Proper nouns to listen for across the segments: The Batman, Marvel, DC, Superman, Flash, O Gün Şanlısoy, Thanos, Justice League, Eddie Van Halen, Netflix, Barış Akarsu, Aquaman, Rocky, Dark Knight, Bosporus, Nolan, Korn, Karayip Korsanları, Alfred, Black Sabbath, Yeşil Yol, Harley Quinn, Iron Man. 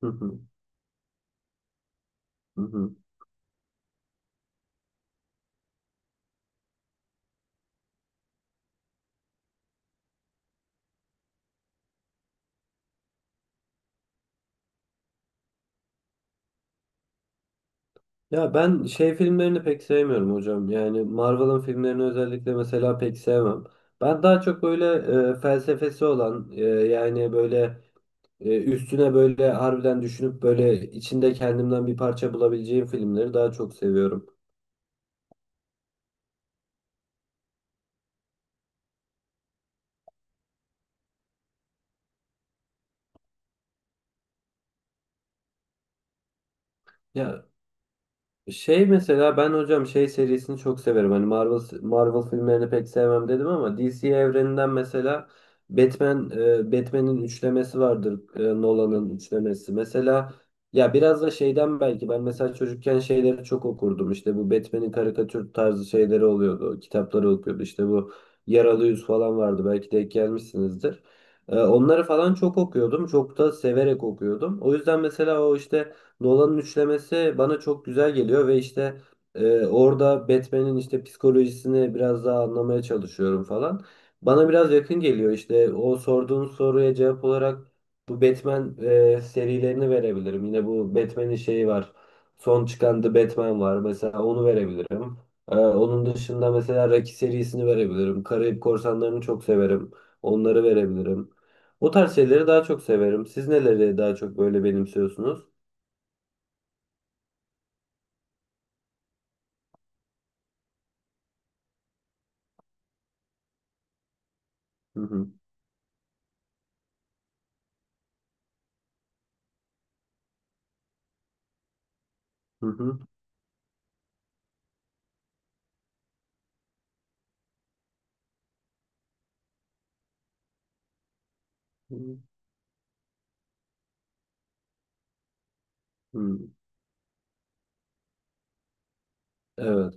Hı hı, hı hı. Ya ben şey filmlerini pek sevmiyorum hocam. Yani Marvel'ın filmlerini özellikle mesela pek sevmem. Ben daha çok böyle felsefesi olan, yani böyle, üstüne böyle harbiden düşünüp böyle içinde kendimden bir parça bulabileceğim filmleri daha çok seviyorum. Ya şey mesela ben hocam şey serisini çok severim. Hani Marvel filmlerini pek sevmem dedim ama DC evreninden mesela Batman'in üçlemesi vardır. Nolan'ın üçlemesi. Mesela ya biraz da şeyden belki ben mesela çocukken şeyleri çok okurdum. İşte bu Batman'in karikatür tarzı şeyleri oluyordu. Kitapları okuyordu. İşte bu Yaralı Yüz falan vardı. Belki denk gelmişsinizdir. Onları falan çok okuyordum. Çok da severek okuyordum. O yüzden mesela o işte Nolan'ın üçlemesi bana çok güzel geliyor ve işte, orada Batman'in işte psikolojisini biraz daha anlamaya çalışıyorum falan. Bana biraz yakın geliyor işte o sorduğun soruya cevap olarak bu serilerini verebilirim. Yine bu Batman'in şeyi var. Son çıkan The Batman var. Mesela onu verebilirim. Onun dışında mesela Rocky serisini verebilirim. Karayip Korsanları'nı çok severim. Onları verebilirim. O tarz şeyleri daha çok severim. Siz neleri daha çok böyle benimsiyorsunuz? Hı hı. Hı hı. Hı. Hı. Evet.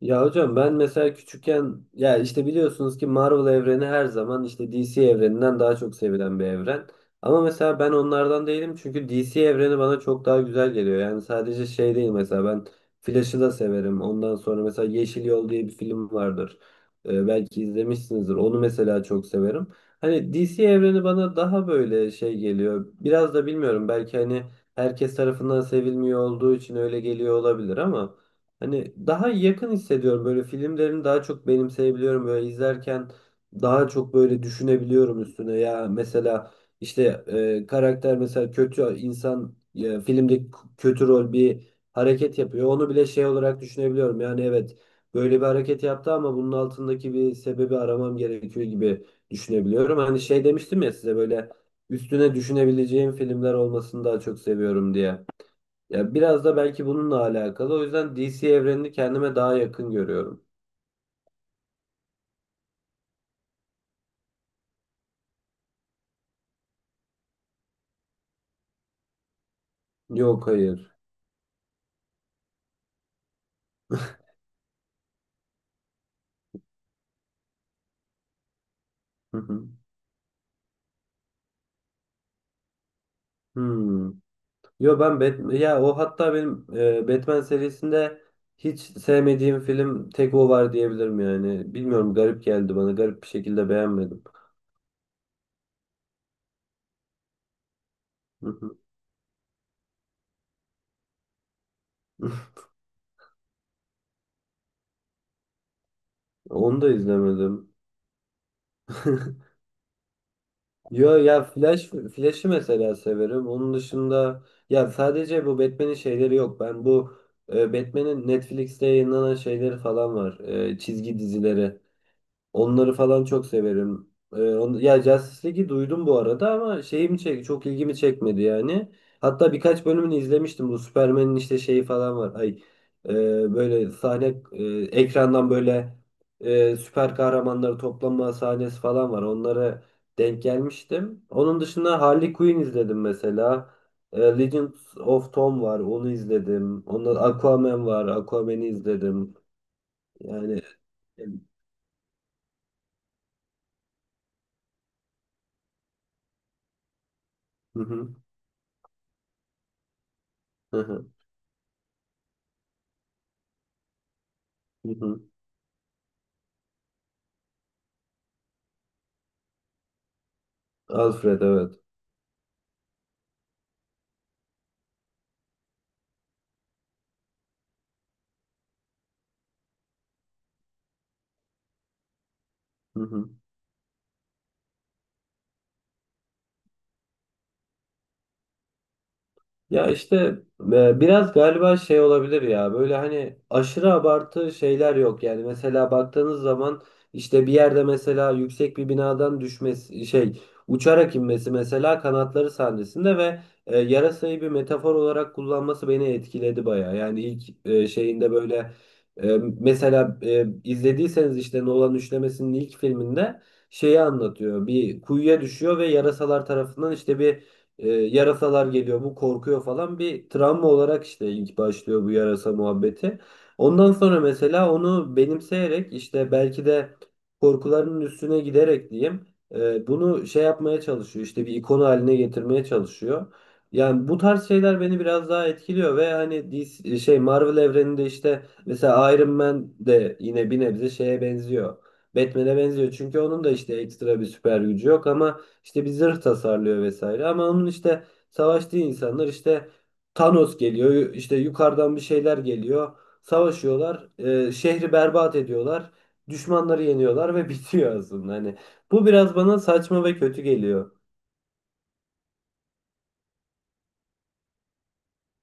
Ya hocam ben mesela küçükken ya işte biliyorsunuz ki Marvel evreni her zaman işte DC evreninden daha çok sevilen bir evren. Ama mesela ben onlardan değilim çünkü DC evreni bana çok daha güzel geliyor. Yani sadece şey değil, mesela ben Flash'ı da severim. Ondan sonra mesela Yeşil Yol diye bir film vardır. Belki izlemişsinizdir. Onu mesela çok severim. Hani DC evreni bana daha böyle şey geliyor. Biraz da bilmiyorum, belki hani herkes tarafından sevilmiyor olduğu için öyle geliyor olabilir, ama hani daha yakın hissediyorum, böyle filmlerini daha çok benimseyebiliyorum, böyle izlerken daha çok böyle düşünebiliyorum üstüne. Ya mesela işte, karakter, mesela kötü insan, filmde kötü rol bir hareket yapıyor, onu bile şey olarak düşünebiliyorum. Yani evet böyle bir hareket yaptı ama bunun altındaki bir sebebi aramam gerekiyor gibi düşünebiliyorum. Hani şey demiştim ya size, böyle üstüne düşünebileceğim filmler olmasını daha çok seviyorum diye. Ya biraz da belki bununla alakalı. O yüzden DC evrenini kendime daha yakın görüyorum. Yok, hayır. Hı hı. Hmm. Yo ben Batman, ya o hatta benim Batman serisinde hiç sevmediğim film tek o var diyebilirim yani. Bilmiyorum, garip geldi bana. Garip bir şekilde beğenmedim. Hı hı. Onu da izlemedim. Yo ya Flash'ı mesela severim. Onun dışında ya sadece bu Batman'in şeyleri yok. Ben bu Batman'in Netflix'te yayınlanan şeyleri falan var. Çizgi dizileri. Onları falan çok severim. Ya Justice League'i duydum bu arada ama şeyim çek çok ilgimi çekmedi yani. Hatta birkaç bölümünü izlemiştim. Bu Superman'in işte şeyi falan var. Ay, e, böyle sahne, ekrandan böyle, süper kahramanları toplanma sahnesi falan var. Onlara denk gelmiştim. Onun dışında Harley Quinn izledim mesela. Legends of Tom var. Onu izledim. Ondan Aquaman var. Aquaman'i izledim. Yani. Hı hı, hı hı, hı hı. Alfred, evet. Hı hı. Ya işte, biraz galiba şey olabilir ya, böyle hani aşırı abartı şeyler yok yani. Mesela baktığınız zaman işte bir yerde mesela yüksek bir binadan düşmesi şey, uçarak inmesi, mesela kanatları sahnesinde ve yarasayı bir metafor olarak kullanması beni etkiledi baya yani. İlk şeyinde böyle, mesela izlediyseniz işte Nolan üçlemesinin ilk filminde, şeyi anlatıyor, bir kuyuya düşüyor ve yarasalar tarafından işte bir yarasalar geliyor, bu korkuyor falan, bir travma olarak işte ilk başlıyor bu yarasa muhabbeti. Ondan sonra mesela onu benimseyerek işte, belki de korkularının üstüne giderek diyeyim, bunu şey yapmaya çalışıyor, işte bir ikon haline getirmeye çalışıyor. Yani bu tarz şeyler beni biraz daha etkiliyor ve hani DC, şey Marvel evreninde işte mesela Iron Man de yine bir nebze şeye benziyor. Batman'e benziyor çünkü onun da işte ekstra bir süper gücü yok, ama işte bir zırh tasarlıyor vesaire. Ama onun işte savaştığı insanlar işte Thanos geliyor, işte yukarıdan bir şeyler geliyor. Savaşıyorlar, şehri berbat ediyorlar, düşmanları yeniyorlar ve bitiyor aslında. Hani bu biraz bana saçma ve kötü geliyor.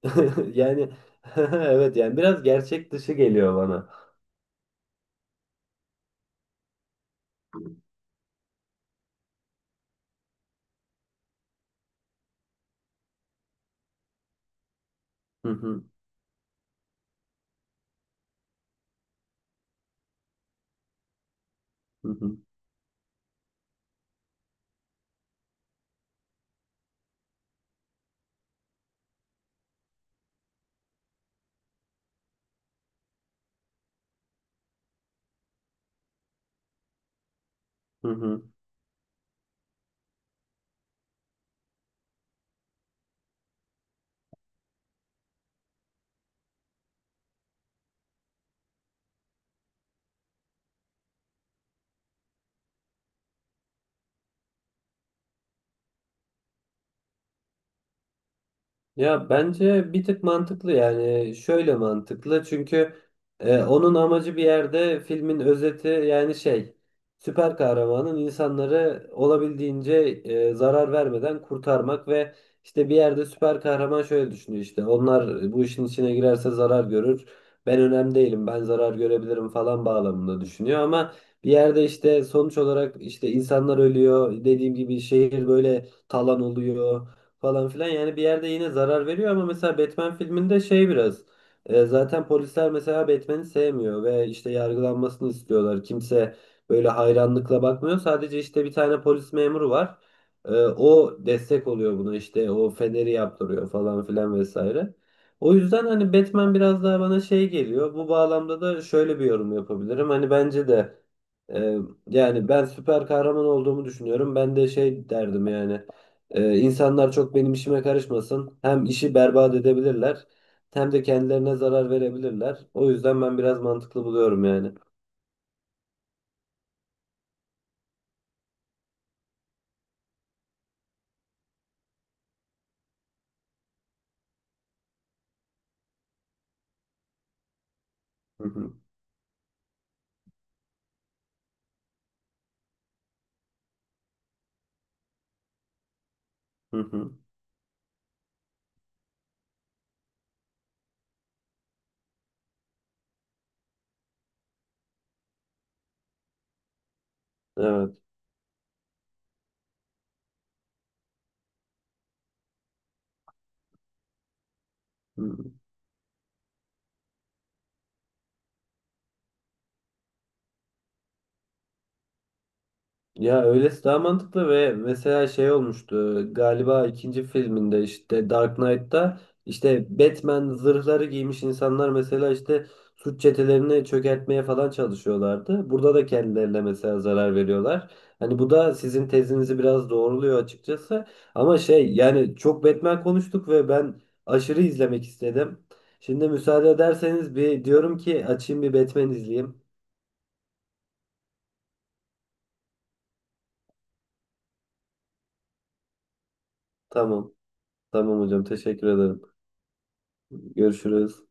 Yani evet yani biraz gerçek dışı geliyor bana. Hı hı, hı hı, hı hı. Ya bence bir tık mantıklı, yani şöyle mantıklı çünkü onun amacı bir yerde filmin özeti yani şey, süper kahramanın insanları olabildiğince zarar vermeden kurtarmak. Ve işte bir yerde süper kahraman şöyle düşünüyor, işte onlar bu işin içine girerse zarar görür, ben önemli değilim, ben zarar görebilirim falan bağlamında düşünüyor. Ama bir yerde işte sonuç olarak işte insanlar ölüyor, dediğim gibi şehir böyle talan oluyor falan filan. Yani bir yerde yine zarar veriyor. Ama mesela Batman filminde şey biraz, zaten polisler mesela Batman'i sevmiyor ve işte yargılanmasını istiyorlar. Kimse böyle hayranlıkla bakmıyor. Sadece işte bir tane polis memuru var. O destek oluyor buna, işte o feneri yaptırıyor falan filan vesaire. O yüzden hani Batman biraz daha bana şey geliyor. Bu bağlamda da şöyle bir yorum yapabilirim. Hani bence de, e, yani ben süper kahraman olduğumu düşünüyorum, ben de şey derdim yani. İnsanlar çok benim işime karışmasın. Hem işi berbat edebilirler, hem de kendilerine zarar verebilirler. O yüzden ben biraz mantıklı buluyorum yani. Hı hı, hı hı. Evet. Hı hı. Ya öylesi daha mantıklı ve mesela şey olmuştu galiba ikinci filminde, işte Dark Knight'ta işte Batman zırhları giymiş insanlar mesela işte suç çetelerini çökertmeye falan çalışıyorlardı. Burada da kendilerine mesela zarar veriyorlar. Hani bu da sizin tezinizi biraz doğruluyor açıkçası. Ama şey, yani çok Batman konuştuk ve ben aşırı izlemek istedim. Şimdi müsaade ederseniz bir diyorum ki, açayım bir Batman izleyeyim. Tamam. Tamam hocam, teşekkür ederim. Görüşürüz.